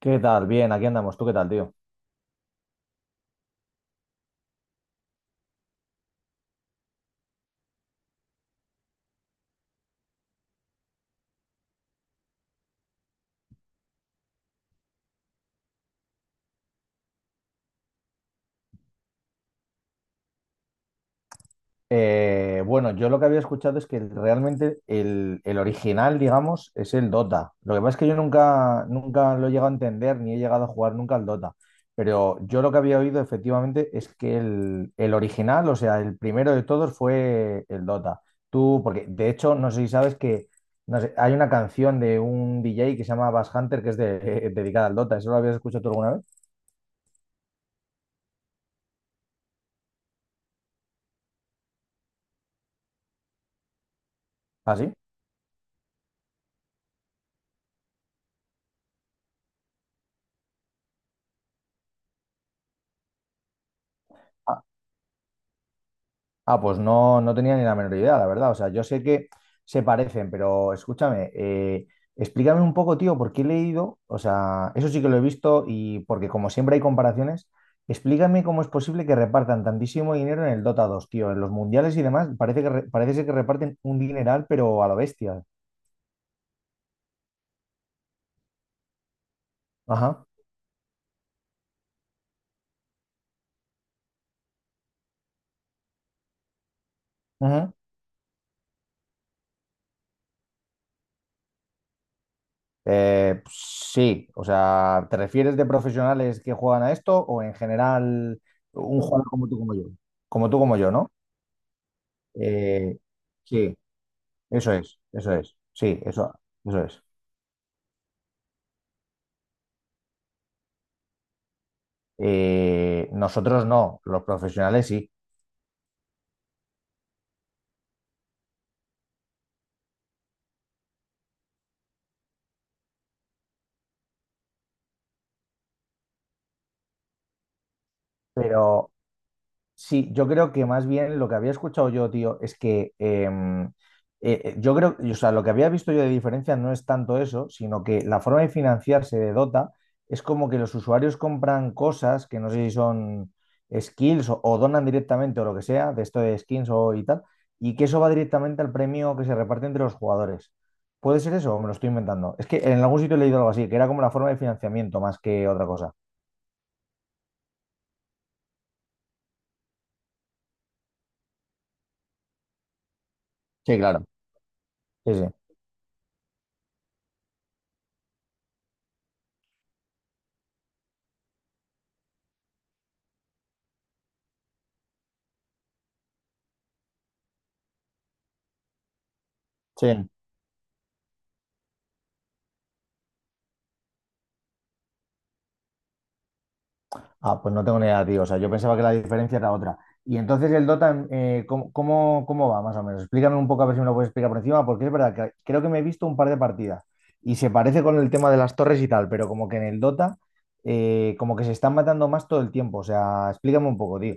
¿Qué tal? Bien, aquí andamos. ¿Tú qué tal, tío? Bueno, yo lo que había escuchado es que realmente el original, digamos, es el Dota. Lo que pasa es que yo nunca lo he llegado a entender ni he llegado a jugar nunca al Dota. Pero yo lo que había oído efectivamente es que el original, o sea, el primero de todos fue el Dota. Tú, porque de hecho, no sé si sabes que no sé, hay una canción de un DJ que se llama Bass Hunter dedicada al Dota. ¿Eso lo habías escuchado tú alguna vez? ¿Ah, sí? Ah, pues no, no tenía ni la menor idea, la verdad. O sea, yo sé que se parecen, pero escúchame, explícame un poco, tío, porque he leído, o sea, eso sí que lo he visto y porque como siempre hay comparaciones, explícame cómo es posible que repartan tantísimo dinero en el Dota dos, tío, en los mundiales y demás, parece que parece ser que reparten un dineral, pero a lo bestia. Ajá. Ujú. Pues sí, o sea, ¿te refieres de profesionales que juegan a esto o en general un jugador como tú como yo? Como tú como yo, ¿no? Eh, sí, eso es, sí, eso es. Nosotros no, los profesionales sí, pero sí, yo creo que más bien lo que había escuchado yo, tío, es que yo creo, o sea, lo que había visto yo de diferencia no es tanto eso, sino que la forma de financiarse de Dota es como que los usuarios compran cosas que no sé si son skills o donan directamente o lo que sea, de esto de skins o y tal, y que eso va directamente al premio que se reparte entre los jugadores. ¿Puede ser eso o me lo estoy inventando? Es que en algún sitio he leído algo así, que era como la forma de financiamiento más que otra cosa. Sí, claro. Sí, sí. Sí. Ah, pues no tengo ni idea, tío. O sea, yo pensaba que la diferencia era otra. Y entonces el Dota, cómo va más o menos? Explícame un poco a ver si me lo puedes explicar por encima, porque es verdad que creo que me he visto un par de partidas y se parece con el tema de las torres y tal, pero como que en el Dota, como que se están matando más todo el tiempo. O sea, explícame un poco, tío.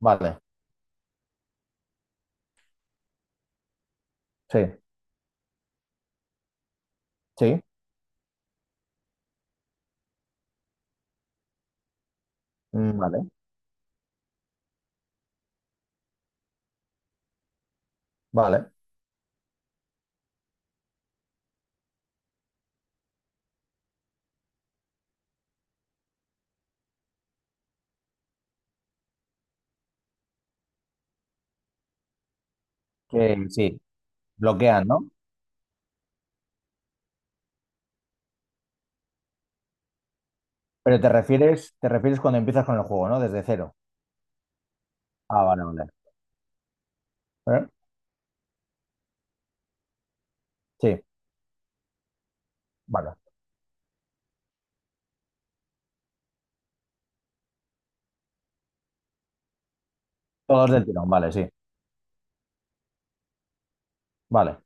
Vale, sí, sí, mm, vale, vale. Que sí, bloquean, ¿no? Pero te refieres cuando empiezas con el juego, ¿no? Desde cero. Ah, vale, vale. ¿Eh? Sí, vale. Todos del tirón, vale, sí. Vale.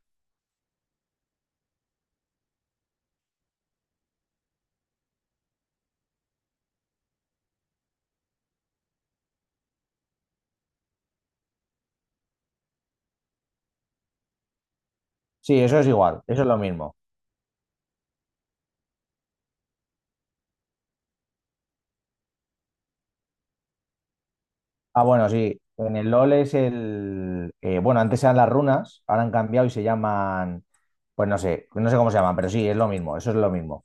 Sí, eso es igual, eso es lo mismo. Ah, bueno, sí, en el LOL es el... bueno, antes eran las runas, ahora han cambiado y se llaman... Pues no sé, no sé cómo se llaman, pero sí, es lo mismo, eso es lo mismo.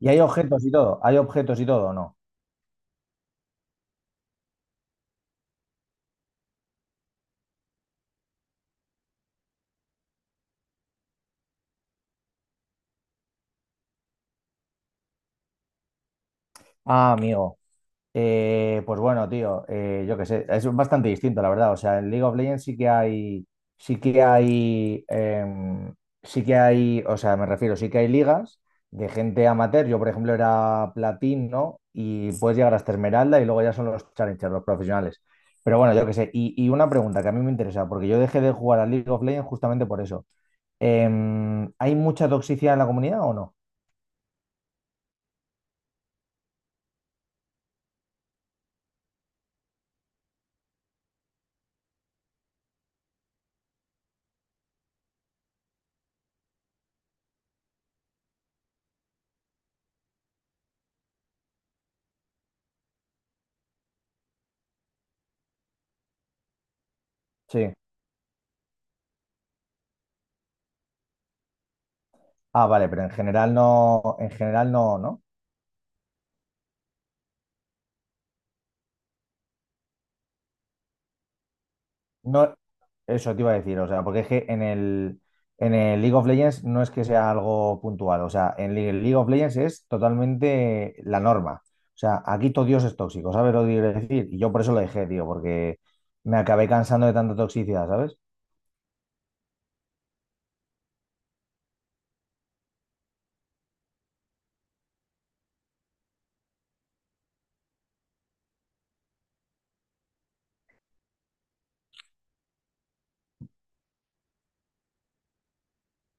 Y hay objetos y todo, hay objetos y todo, ¿o ¿no? Ah, amigo. Pues bueno, tío, yo qué sé, es bastante distinto, la verdad. O sea, en League of Legends sí que hay, em, sí que hay, o sea, me refiero, sí que hay ligas de gente amateur. Yo, por ejemplo, era platino y puedes llegar hasta Esmeralda y luego ya son los challengers, los profesionales. Pero bueno, yo qué sé. Y una pregunta que a mí me interesa, porque yo dejé de jugar a League of Legends justamente por eso. ¿Hay mucha toxicidad en la comunidad o no? Sí. Ah, vale, pero en general no, ¿no? No, eso te iba a decir, o sea, porque es que en el League of Legends no es que sea algo puntual, o sea, en el League of Legends es totalmente la norma. O sea, aquí todo Dios es tóxico, ¿sabes lo que quiero decir? Y yo por eso lo dejé, tío, porque me acabé cansando de tanta toxicidad, ¿sabes?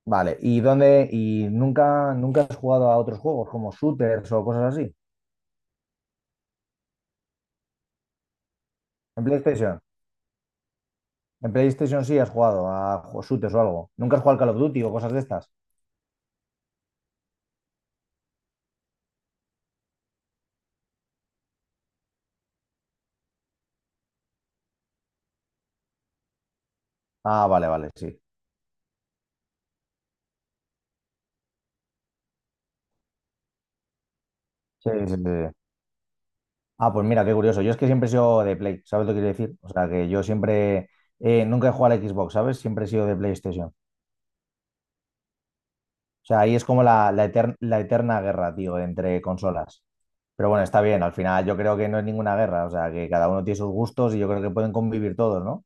Vale, ¿y dónde? ¿Y nunca has jugado a otros juegos como shooters o cosas así? ¿En PlayStation? ¿En PlayStation sí has jugado a shooters o algo? ¿Nunca has jugado al Call of Duty o cosas de estas? Ah, vale, vale, sí. Sí, sí, sí, sí. Ah, pues mira, qué curioso. Yo es que siempre he sido de Play, ¿sabes lo que quiero decir? O sea, que yo siempre, nunca he jugado a la Xbox, ¿sabes? Siempre he sido de PlayStation. O sea, ahí es como la eterna guerra, tío, entre consolas. Pero bueno, está bien, al final yo creo que no es ninguna guerra, o sea, que cada uno tiene sus gustos y yo creo que pueden convivir todos, ¿no?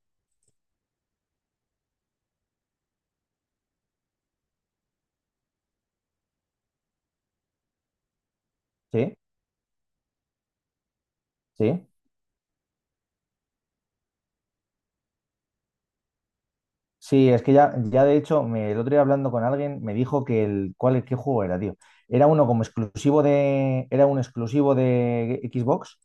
Sí, sí. Sí, es que ya, ya de hecho, me, el otro día hablando con alguien, me dijo que el, ¿cuál, qué juego era, tío? Era uno como exclusivo de, era un exclusivo de Xbox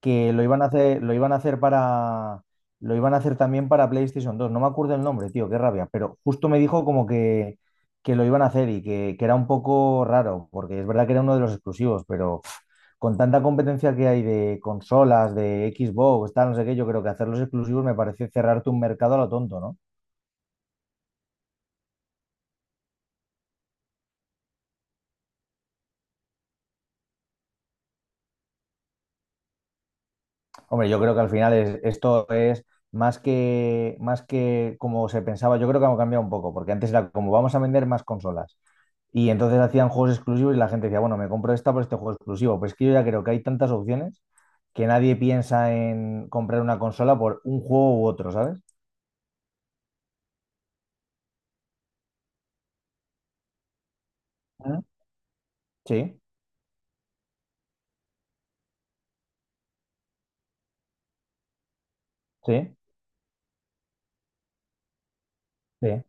que lo iban a hacer, lo iban a hacer también para PlayStation 2. No me acuerdo el nombre, tío, qué rabia. Pero justo me dijo como que lo iban a hacer y que era un poco raro, porque es verdad que era uno de los exclusivos, pero pff, con tanta competencia que hay de consolas, de Xbox, tal, no sé qué, yo creo que hacer los exclusivos me parece cerrarte un mercado a lo tonto, ¿no? Hombre, yo creo que al final esto es más que como se pensaba, yo creo que ha cambiado un poco, porque antes era como vamos a vender más consolas. Y entonces hacían juegos exclusivos y la gente decía, bueno, me compro esta por este juego exclusivo. Pues es que yo ya creo que hay tantas opciones que nadie piensa en comprar una consola por un juego u otro, ¿sabes? ¿Mm? Sí, sí, sí.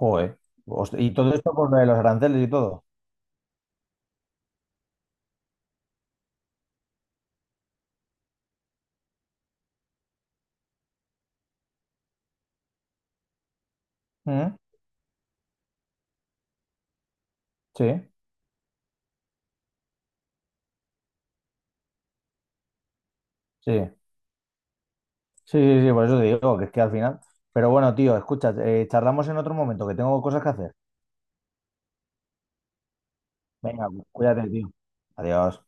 Joder. Y todo esto por lo de los aranceles y todo. Mm, sí, sí. Sí, sí, sí, por eso te digo, que es que al final. Pero bueno, tío, escucha, charlamos en otro momento, que tengo cosas que hacer. Venga, cuídate, tío. Adiós.